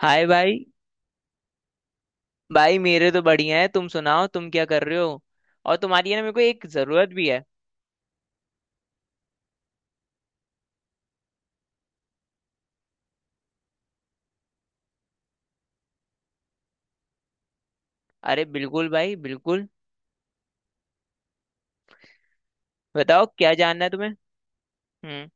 हाय भाई। भाई मेरे तो बढ़िया है, तुम सुनाओ तुम क्या कर रहे हो? और तुम्हारी है ना, मेरे को एक जरूरत भी है। अरे बिल्कुल भाई बिल्कुल। बताओ क्या जानना है तुम्हें। हम्म।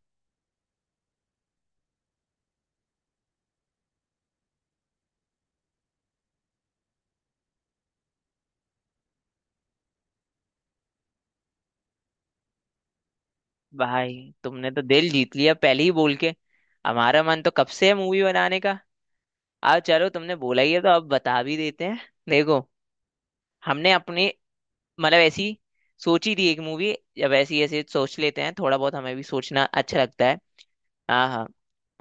भाई तुमने तो दिल जीत लिया पहले ही बोल के। हमारा मन तो कब से है मूवी बनाने का। अब चलो तुमने बोला ही है तो अब बता भी देते हैं। देखो। हमने अपने मतलब ऐसी सोची थी एक मूवी। जब ऐसी ऐसे सोच लेते हैं थोड़ा बहुत हमें भी सोचना अच्छा लगता है। हाँ हाँ।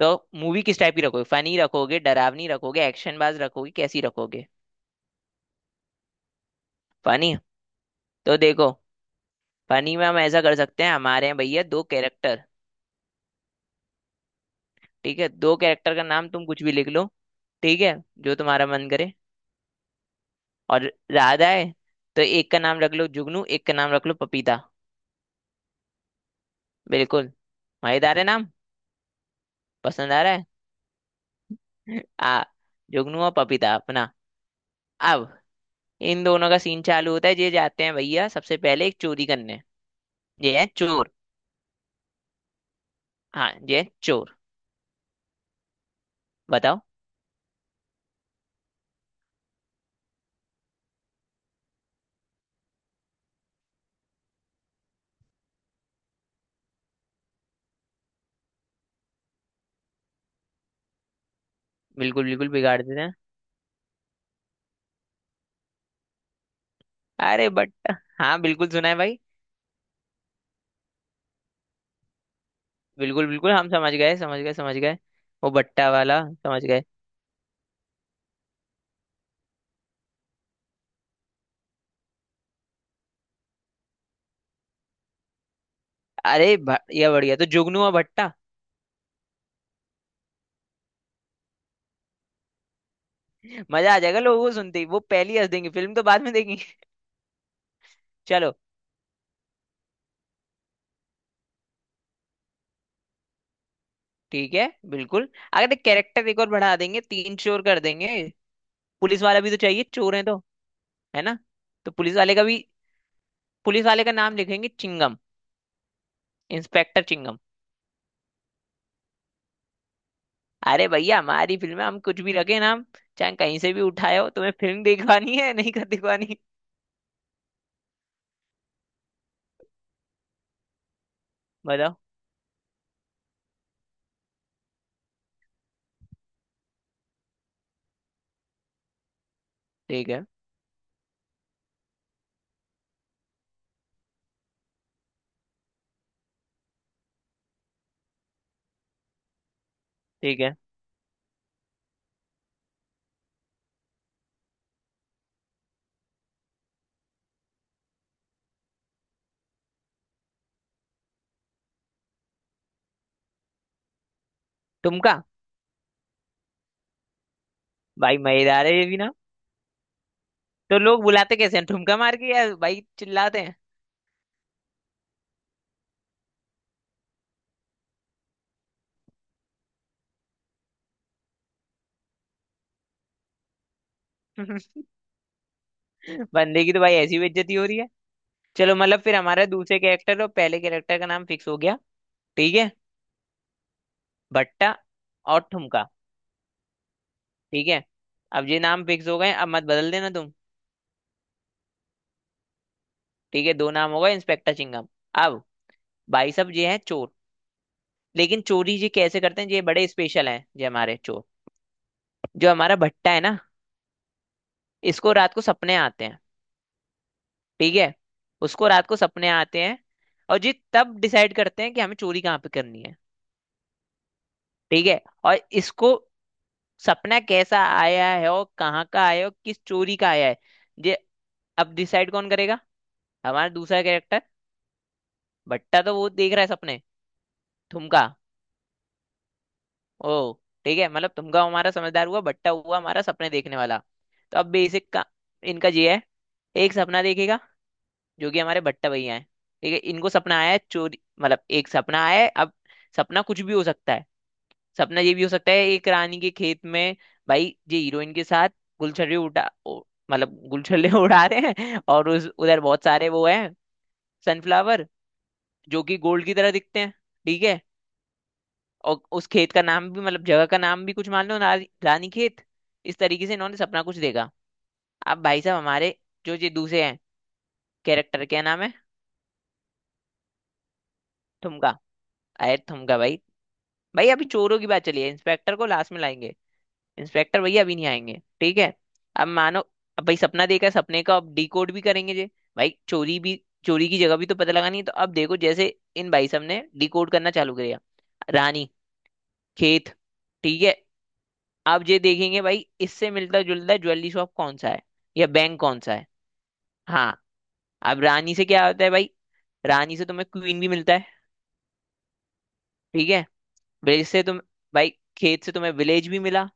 तो मूवी किस टाइप की रखोगे, फनी रखोगे, डरावनी रखोगे, एक्शन बाज रखोगे, कैसी रखोगे? फनी। तो देखो फनी में हम ऐसा कर सकते हैं, हमारे हैं भैया दो कैरेक्टर। ठीक है, दो कैरेक्टर का नाम तुम कुछ भी लिख लो। ठीक है। जो तुम्हारा मन करे। और ज्यादा है तो एक का नाम रख लो जुगनू, एक का नाम रख लो पपीता। बिल्कुल। मजेदार है नाम। पसंद आ रहा है। आ जुगनू और पपीता अपना। अब इन दोनों का सीन चालू होता है, ये जाते हैं भैया सबसे पहले एक चोरी करने। ये है चोर। हाँ ये चोर। बताओ। बिल्कुल बिल्कुल बिगाड़ देते हैं। अरे बट। हाँ बिल्कुल सुना है भाई। बिल्कुल बिल्कुल हम समझ गए, समझ गए, समझ गए। वो भट्टा वाला समझ गए। अरे ये बढ़िया, तो जुगनू और भट्टा। मजा आ जाएगा लोगों को सुनते ही, वो पहली ही हंस देंगे, फिल्म तो बाद में देखेंगे। चलो। ठीक है बिल्कुल, अगर कैरेक्टर एक और बढ़ा देंगे तीन चोर कर देंगे। पुलिस वाला भी तो चाहिए चोर है तो। है ना। तो पुलिस वाले का भी। पुलिस वाले का नाम लिखेंगे चिंगम इंस्पेक्टर। अरे भैया हमारी फिल्म में हम कुछ भी रखे ना, हम चाहे कहीं से भी उठाए हो, तुम्हें फिल्म दिखवानी है नहीं कर दिखवानी। बताओ। ठीक है। ठीक है ठुमका। भाई मजेदार है ये भी ना। तो लोग बुलाते कैसे हैं ठुमका मार के या भाई चिल्लाते हैं? बंदे की तो भाई ऐसी बेइज्जती हो रही है। चलो मतलब फिर हमारा दूसरे कैरेक्टर और पहले कैरेक्टर का नाम फिक्स हो गया। ठीक है। भट्टा और ठुमका। ठीक है। अब ये नाम फिक्स हो गए, अब मत बदल देना तुम। ठीक है दो नाम हो गए, इंस्पेक्टर चिंगम। अब भाई साहब ये है चोर। लेकिन चोरी जी कैसे करते हैं, ये बड़े स्पेशल हैं ये हमारे चोर। जो हमारा भट्टा है ना, इसको रात को सपने आते हैं। ठीक है। उसको रात को सपने आते हैं और जी तब डिसाइड करते हैं कि हमें चोरी कहाँ पे करनी है। ठीक है। और इसको सपना कैसा आया है और कहाँ का आया है और किस चोरी का आया है, ये अब डिसाइड कौन करेगा? हमारा दूसरा कैरेक्टर। भट्टा तो वो देख रहा है सपने। तुमका। ओ ठीक है, मतलब तुमका हमारा समझदार हुआ, भट्टा हुआ हमारा सपने देखने वाला। तो अब बेसिक का इनका ये है, एक सपना देखेगा जो कि हमारे भट्टा भैया हैं। ठीक है, इनको सपना आया है चोरी, मतलब एक सपना आया है। अब सपना कुछ भी हो सकता है। सपना ये भी हो सकता है एक रानी के खेत में भाई, ये हीरोइन के साथ गुलछर्रे मतलब गुलछर्रे उड़ा रहे हैं और उस उधर बहुत सारे वो हैं सनफ्लावर, जो कि गोल्ड की तरह दिखते हैं। ठीक है। और उस खेत का नाम भी मतलब जगह का नाम भी कुछ मान लो रानी, रानी खेत, इस तरीके से इन्होंने सपना कुछ देखा। अब भाई साहब हमारे जो ये दूसरे हैं कैरेक्टर, क्या नाम है? थुमका। अरे थुमका भाई, भाई अभी चोरों की बात चली है, इंस्पेक्टर को लास्ट में लाएंगे। इंस्पेक्टर भैया अभी नहीं आएंगे। ठीक है। अब मानो अब भाई सपना देखा है, सपने का अब डिकोड भी करेंगे जे, भाई चोरी भी, चोरी की जगह भी तो पता लगानी है, तो अब देखो जैसे इन भाई साहब ने डिकोड करना चालू किया। रानी खेत। ठीक है। अब ये देखेंगे भाई इससे मिलता जुलता ज्वेलरी शॉप कौन सा है या बैंक कौन सा है। हाँ, अब रानी से क्या होता है भाई, रानी से तुम्हें क्वीन भी मिलता है। ठीक है। विलेज से तुम, भाई खेत से तुम्हें विलेज भी मिला।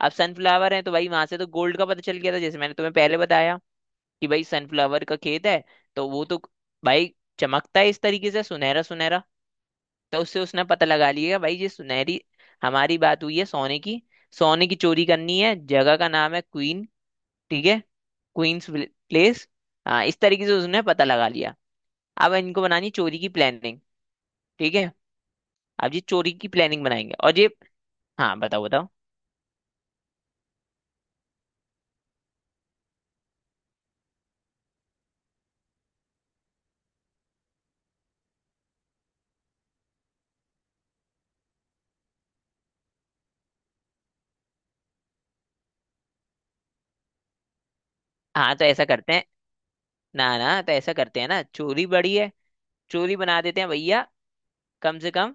अब सनफ्लावर है तो भाई वहां से तो गोल्ड का पता चल गया था, जैसे मैंने तुम्हें पहले बताया कि भाई सनफ्लावर का खेत है तो वो तो भाई चमकता है इस तरीके से सुनहरा सुनहरा। तो उससे उसने पता लगा लिया भाई ये सुनहरी हमारी बात हुई है सोने की, सोने की चोरी करनी है, जगह का नाम है क्वीन। ठीक है। Queens Place. हाँ, इस तरीके से उसने पता लगा लिया। अब इनको बनानी चोरी की प्लानिंग। ठीक है। अब ये चोरी की प्लानिंग बनाएंगे और ये हाँ बताओ बताओ, हाँ तो ऐसा करते हैं। ना ना, तो ऐसा करते हैं ना, चोरी बड़ी है, चोरी बना देते हैं भैया कम से कम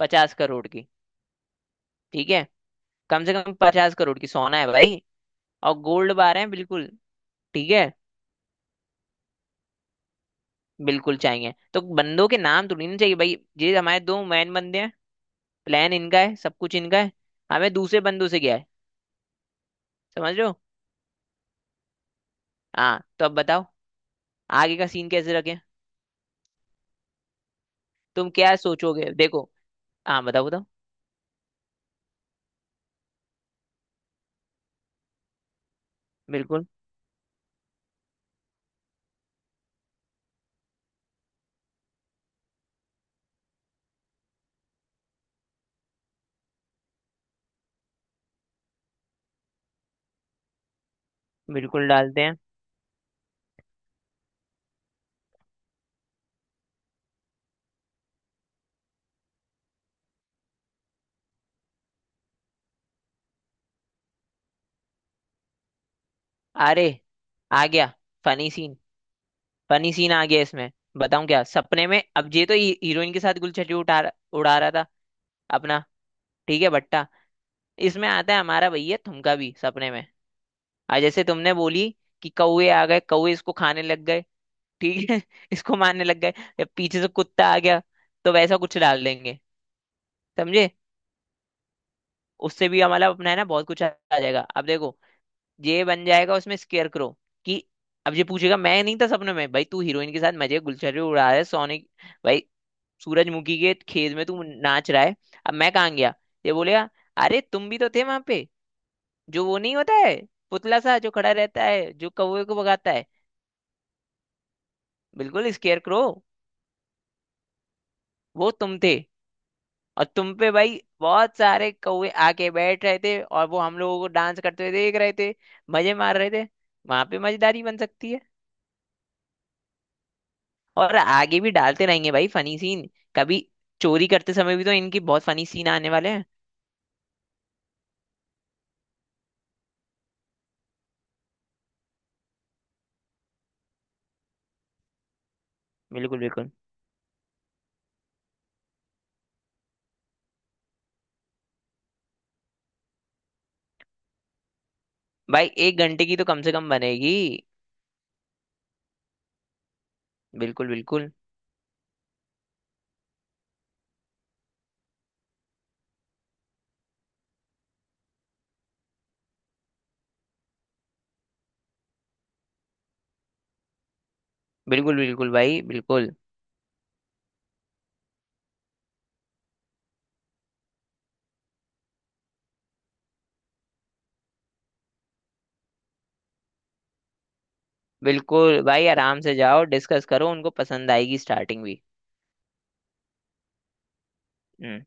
50 करोड़ की। ठीक है। कम से कम 50 करोड़ की सोना है भाई, और गोल्ड बार है। बिल्कुल। ठीक है। बिल्कुल चाहिए, तो बंदों के नाम तो नहीं चाहिए भाई, ये हमारे दो मैन बंदे हैं, प्लान इनका है, सब कुछ इनका है, हमें दूसरे बंदों से गया है, समझ लो। हाँ तो अब बताओ आगे का सीन कैसे रखें, तुम क्या सोचोगे देखो। हाँ बताओ बताओ। बिल्कुल, बिल्कुल डालते हैं। अरे आ गया फनी सीन, फनी सीन आ गया इसमें। बताऊं, क्या सपने में अब ये हीरोइन के साथ गुलछटी उड़ा रहा था अपना। ठीक है भट्टा, इसमें आता है हमारा भैया तुमका भी सपने में। आज जैसे तुमने बोली कि कौवे आ गए, कौवे इसको खाने लग गए। ठीक है इसको मारने लग गए, या पीछे से कुत्ता आ गया, तो वैसा कुछ डाल देंगे। समझे। उससे भी हमारा अपना है ना, बहुत कुछ आ आ जाएगा। अब देखो ये बन जाएगा, उसमें स्केयर करो कि अब ये पूछेगा, मैं नहीं था सपने में, भाई तू हीरोइन के साथ मजे गुलछटी उड़ा रहा है सोने, भाई सूरजमुखी के खेत में तू नाच रहा है, अब मैं कहाँ गया? ये बोलेगा अरे तुम भी तो थे वहां पे, जो वो नहीं होता है पुतला सा जो खड़ा रहता है जो कौवे को भगाता है, बिल्कुल स्केयर करो, वो तुम थे। और तुम पे भाई बहुत सारे कौवे आके बैठ रहे थे और वो हम लोगों को डांस करते हुए देख रहे थे, मजे मार रहे थे। वहां पे मजेदारी बन सकती है। और आगे भी डालते रहेंगे भाई फनी सीन। कभी चोरी करते समय भी तो इनकी बहुत फनी सीन आने वाले हैं। बिल्कुल। बिल्कुल भाई 1 घंटे की तो कम से कम बनेगी। बिल्कुल बिल्कुल। बिल्कुल बिल्कुल भाई बिल्कुल। बिल्कुल भाई आराम से जाओ, डिस्कस करो, उनको पसंद आएगी स्टार्टिंग भी। हम्म।